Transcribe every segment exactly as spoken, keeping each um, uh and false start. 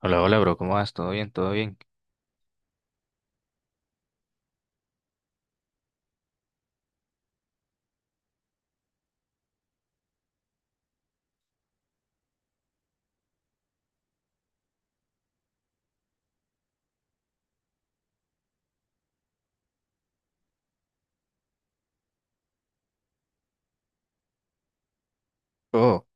Hola, hola, bro, ¿cómo vas? ¿Todo bien? ¿Todo bien? Oh,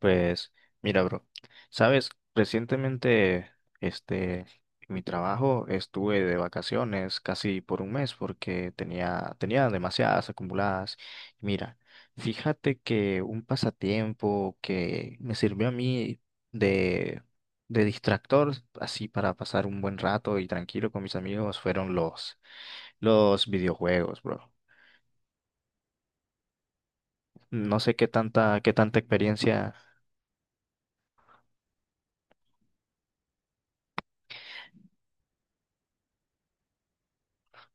pues mira, bro, sabes, recientemente, este, en mi trabajo estuve de vacaciones casi por un mes porque tenía, tenía demasiadas acumuladas. Mira, fíjate que un pasatiempo que me sirvió a mí de, de distractor, así para pasar un buen rato y tranquilo con mis amigos, fueron los, los videojuegos, bro. No sé qué tanta, qué tanta experiencia.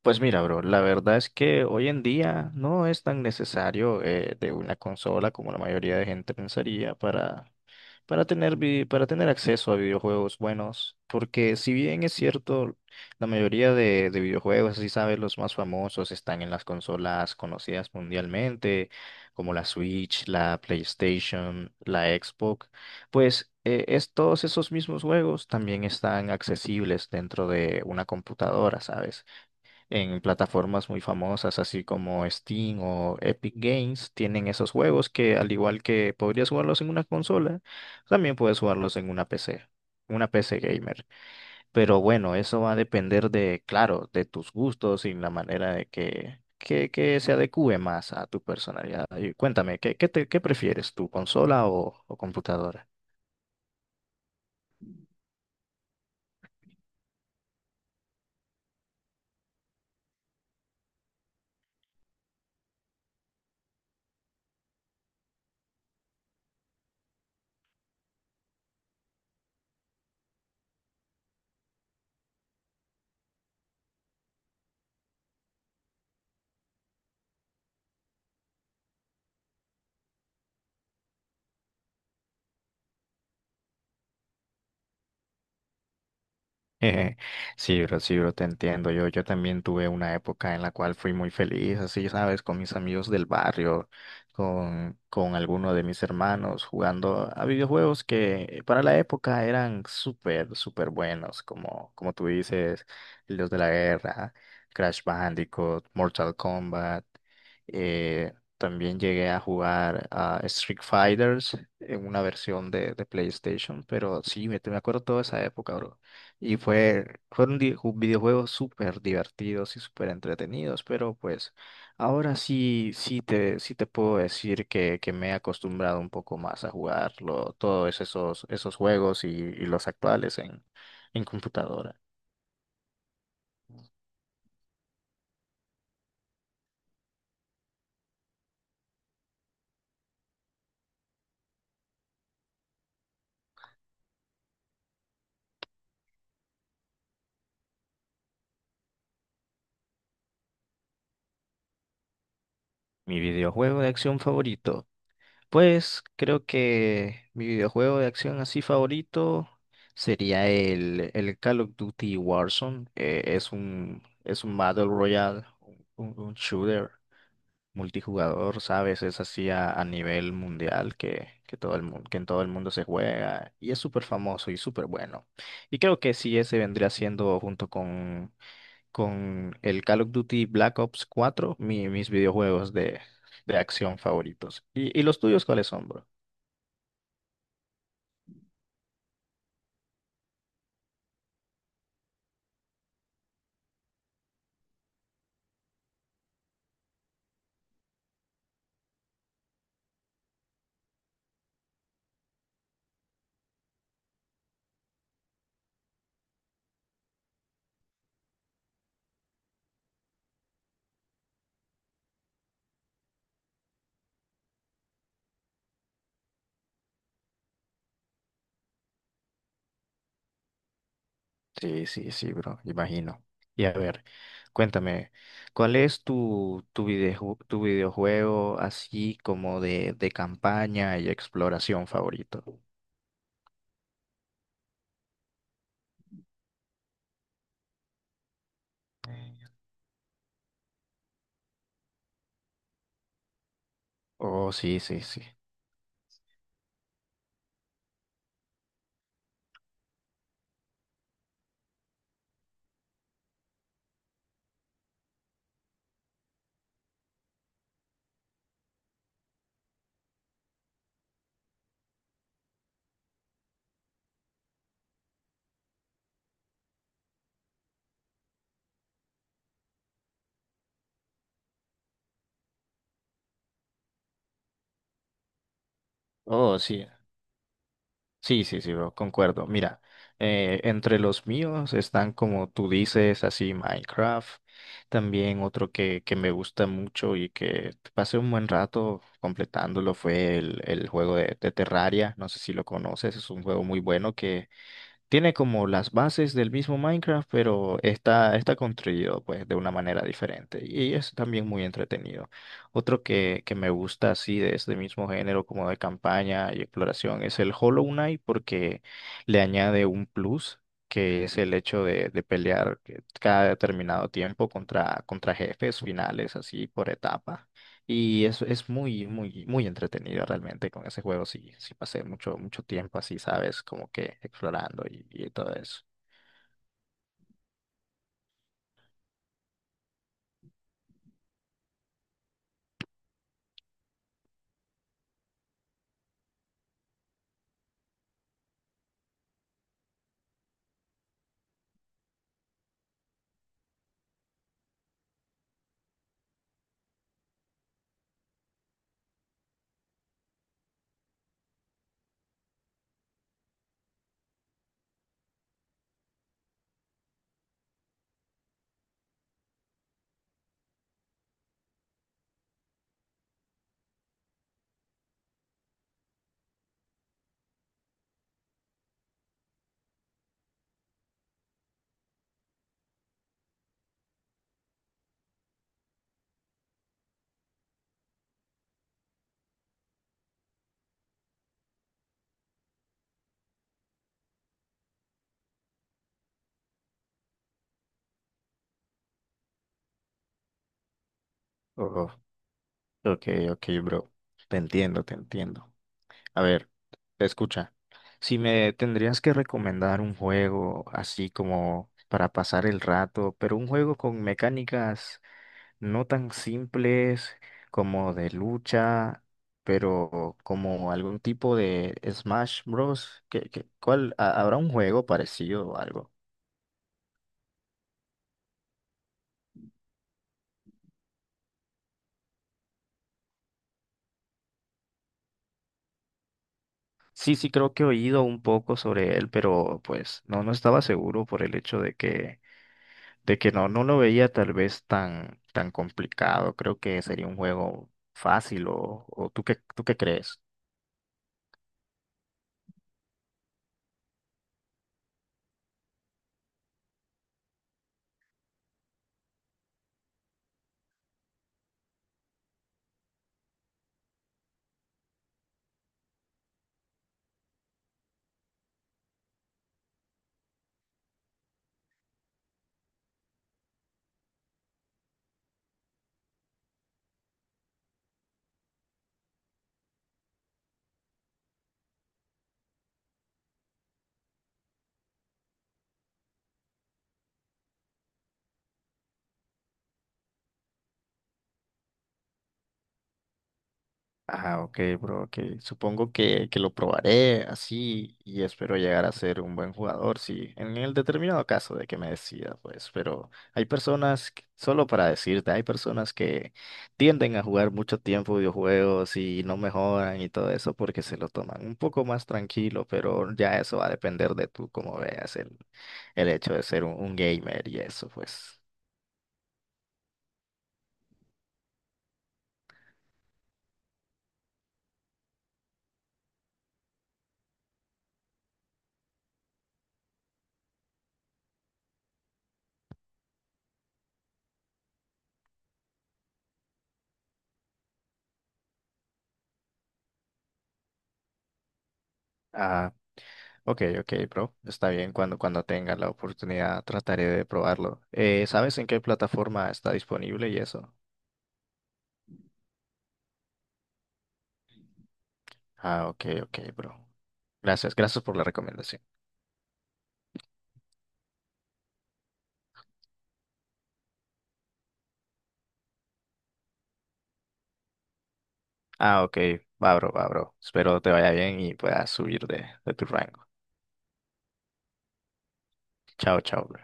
Pues mira, bro, la verdad es que hoy en día no es tan necesario eh, de una consola como la mayoría de gente pensaría para, para tener, vi- para tener acceso a videojuegos buenos, porque si bien es cierto, la mayoría de, de videojuegos, si sabes, los más famosos están en las consolas conocidas mundialmente, como la Switch, la PlayStation, la Xbox, pues eh, es- todos esos mismos juegos también están accesibles dentro de una computadora, ¿sabes? En plataformas muy famosas, así como Steam o Epic Games, tienen esos juegos que al igual que podrías jugarlos en una consola, también puedes jugarlos en una P C, una P C gamer. Pero bueno, eso va a depender de, claro, de tus gustos y la manera de que, que, que se adecue más a tu personalidad. Y cuéntame, ¿qué, qué te- qué prefieres, tu consola o, o computadora? Sí, bro, sí, bro, te entiendo. Yo, yo también tuve una época en la cual fui muy feliz, así, ¿sabes? Con mis amigos del barrio, con, con alguno de mis hermanos, jugando a videojuegos que para la época eran súper, súper buenos, como, como tú dices, los de la guerra, Crash Bandicoot, Mortal Kombat. eh, También llegué a jugar a Street Fighters en una versión de, de PlayStation, pero sí, me, me acuerdo toda esa época, bro. Y fue, fueron di- ju- videojuegos súper divertidos y súper entretenidos, pero pues ahora sí, sí te, sí te puedo decir que, que me he acostumbrado un poco más a jugarlo, todos esos, esos juegos y, y los actuales en, en computadora. Mi videojuego de acción favorito. Pues creo que mi videojuego de acción así favorito sería el, el Call of Duty Warzone. Eh, es un, es un Battle Royale, un un- un shooter multijugador, ¿sabes? Es así a, a nivel mundial que, que, todo el mundo, que en todo el mundo se juega y es súper famoso y súper bueno. Y creo que sí, ese vendría siendo junto con, con el Call of Duty Black Ops cuatro, mi- mis videojuegos de, de acción favoritos. ¿Y, y los tuyos cuáles son, bro? Sí, sí, sí, bro, imagino. Y a ver, cuéntame, ¿cuál es tu, tu videoju- tu videojuego así como de, de campaña y exploración favorito? Oh, sí, sí, sí. Oh, sí. Sí, sí, sí, bro, concuerdo. Mira, eh, entre los míos están como tú dices, así Minecraft. También otro que, que me gusta mucho y que pasé un buen rato completándolo fue el, el juego de, de Terraria. No sé si lo conoces, es un juego muy bueno que tiene como las bases del mismo Minecraft, pero está, está construido pues de una manera diferente y es también muy entretenido. Otro que, que me gusta así de este mismo género como de campaña y exploración es el Hollow Knight porque le añade un plus que es el hecho de, de pelear eh, cada determinado tiempo contra, contra jefes finales así por etapa. Y eso es muy, muy, muy entretenido realmente con ese juego. Sí, sí pasé mucho, mucho tiempo así, ¿sabes? Como que explorando y, y todo eso. Oh, ok, ok, bro. Te entiendo, te entiendo. A ver, escucha. Si me tendrías que recomendar un juego así como para pasar el rato, pero un juego con mecánicas no tan simples como de lucha, pero como algún tipo de Smash Bros. ¿Qué, qué- cuál, ha- habrá un juego parecido o algo? Sí, sí, creo que he oído un poco sobre él, pero pues no, no estaba seguro por el hecho de que de que no, no lo veía tal vez tan, tan complicado. Creo que sería un juego fácil o, o ¿tú qué, tú qué crees? Ah, ok, bro, ok. Supongo que, que lo probaré así y espero llegar a ser un buen jugador, sí, en el determinado caso de que me decida, pues, pero hay personas, que- solo para decirte, hay personas que tienden a jugar mucho tiempo videojuegos y no mejoran y todo eso porque se lo toman un poco más tranquilo, pero ya eso va a depender de tú, como veas el, el hecho de ser un, un gamer y eso, pues. Ah. Ok, ok, bro. Está bien, cuando, cuando tenga la oportunidad trataré de probarlo. Eh, ¿sabes en qué plataforma está disponible y eso? Ah, ok, ok, bro. Gracias, gracias por la recomendación. Ah, ok, va, bro, va, bro. Espero te vaya bien y puedas subir de, de tu rango. Chao, chao, bro.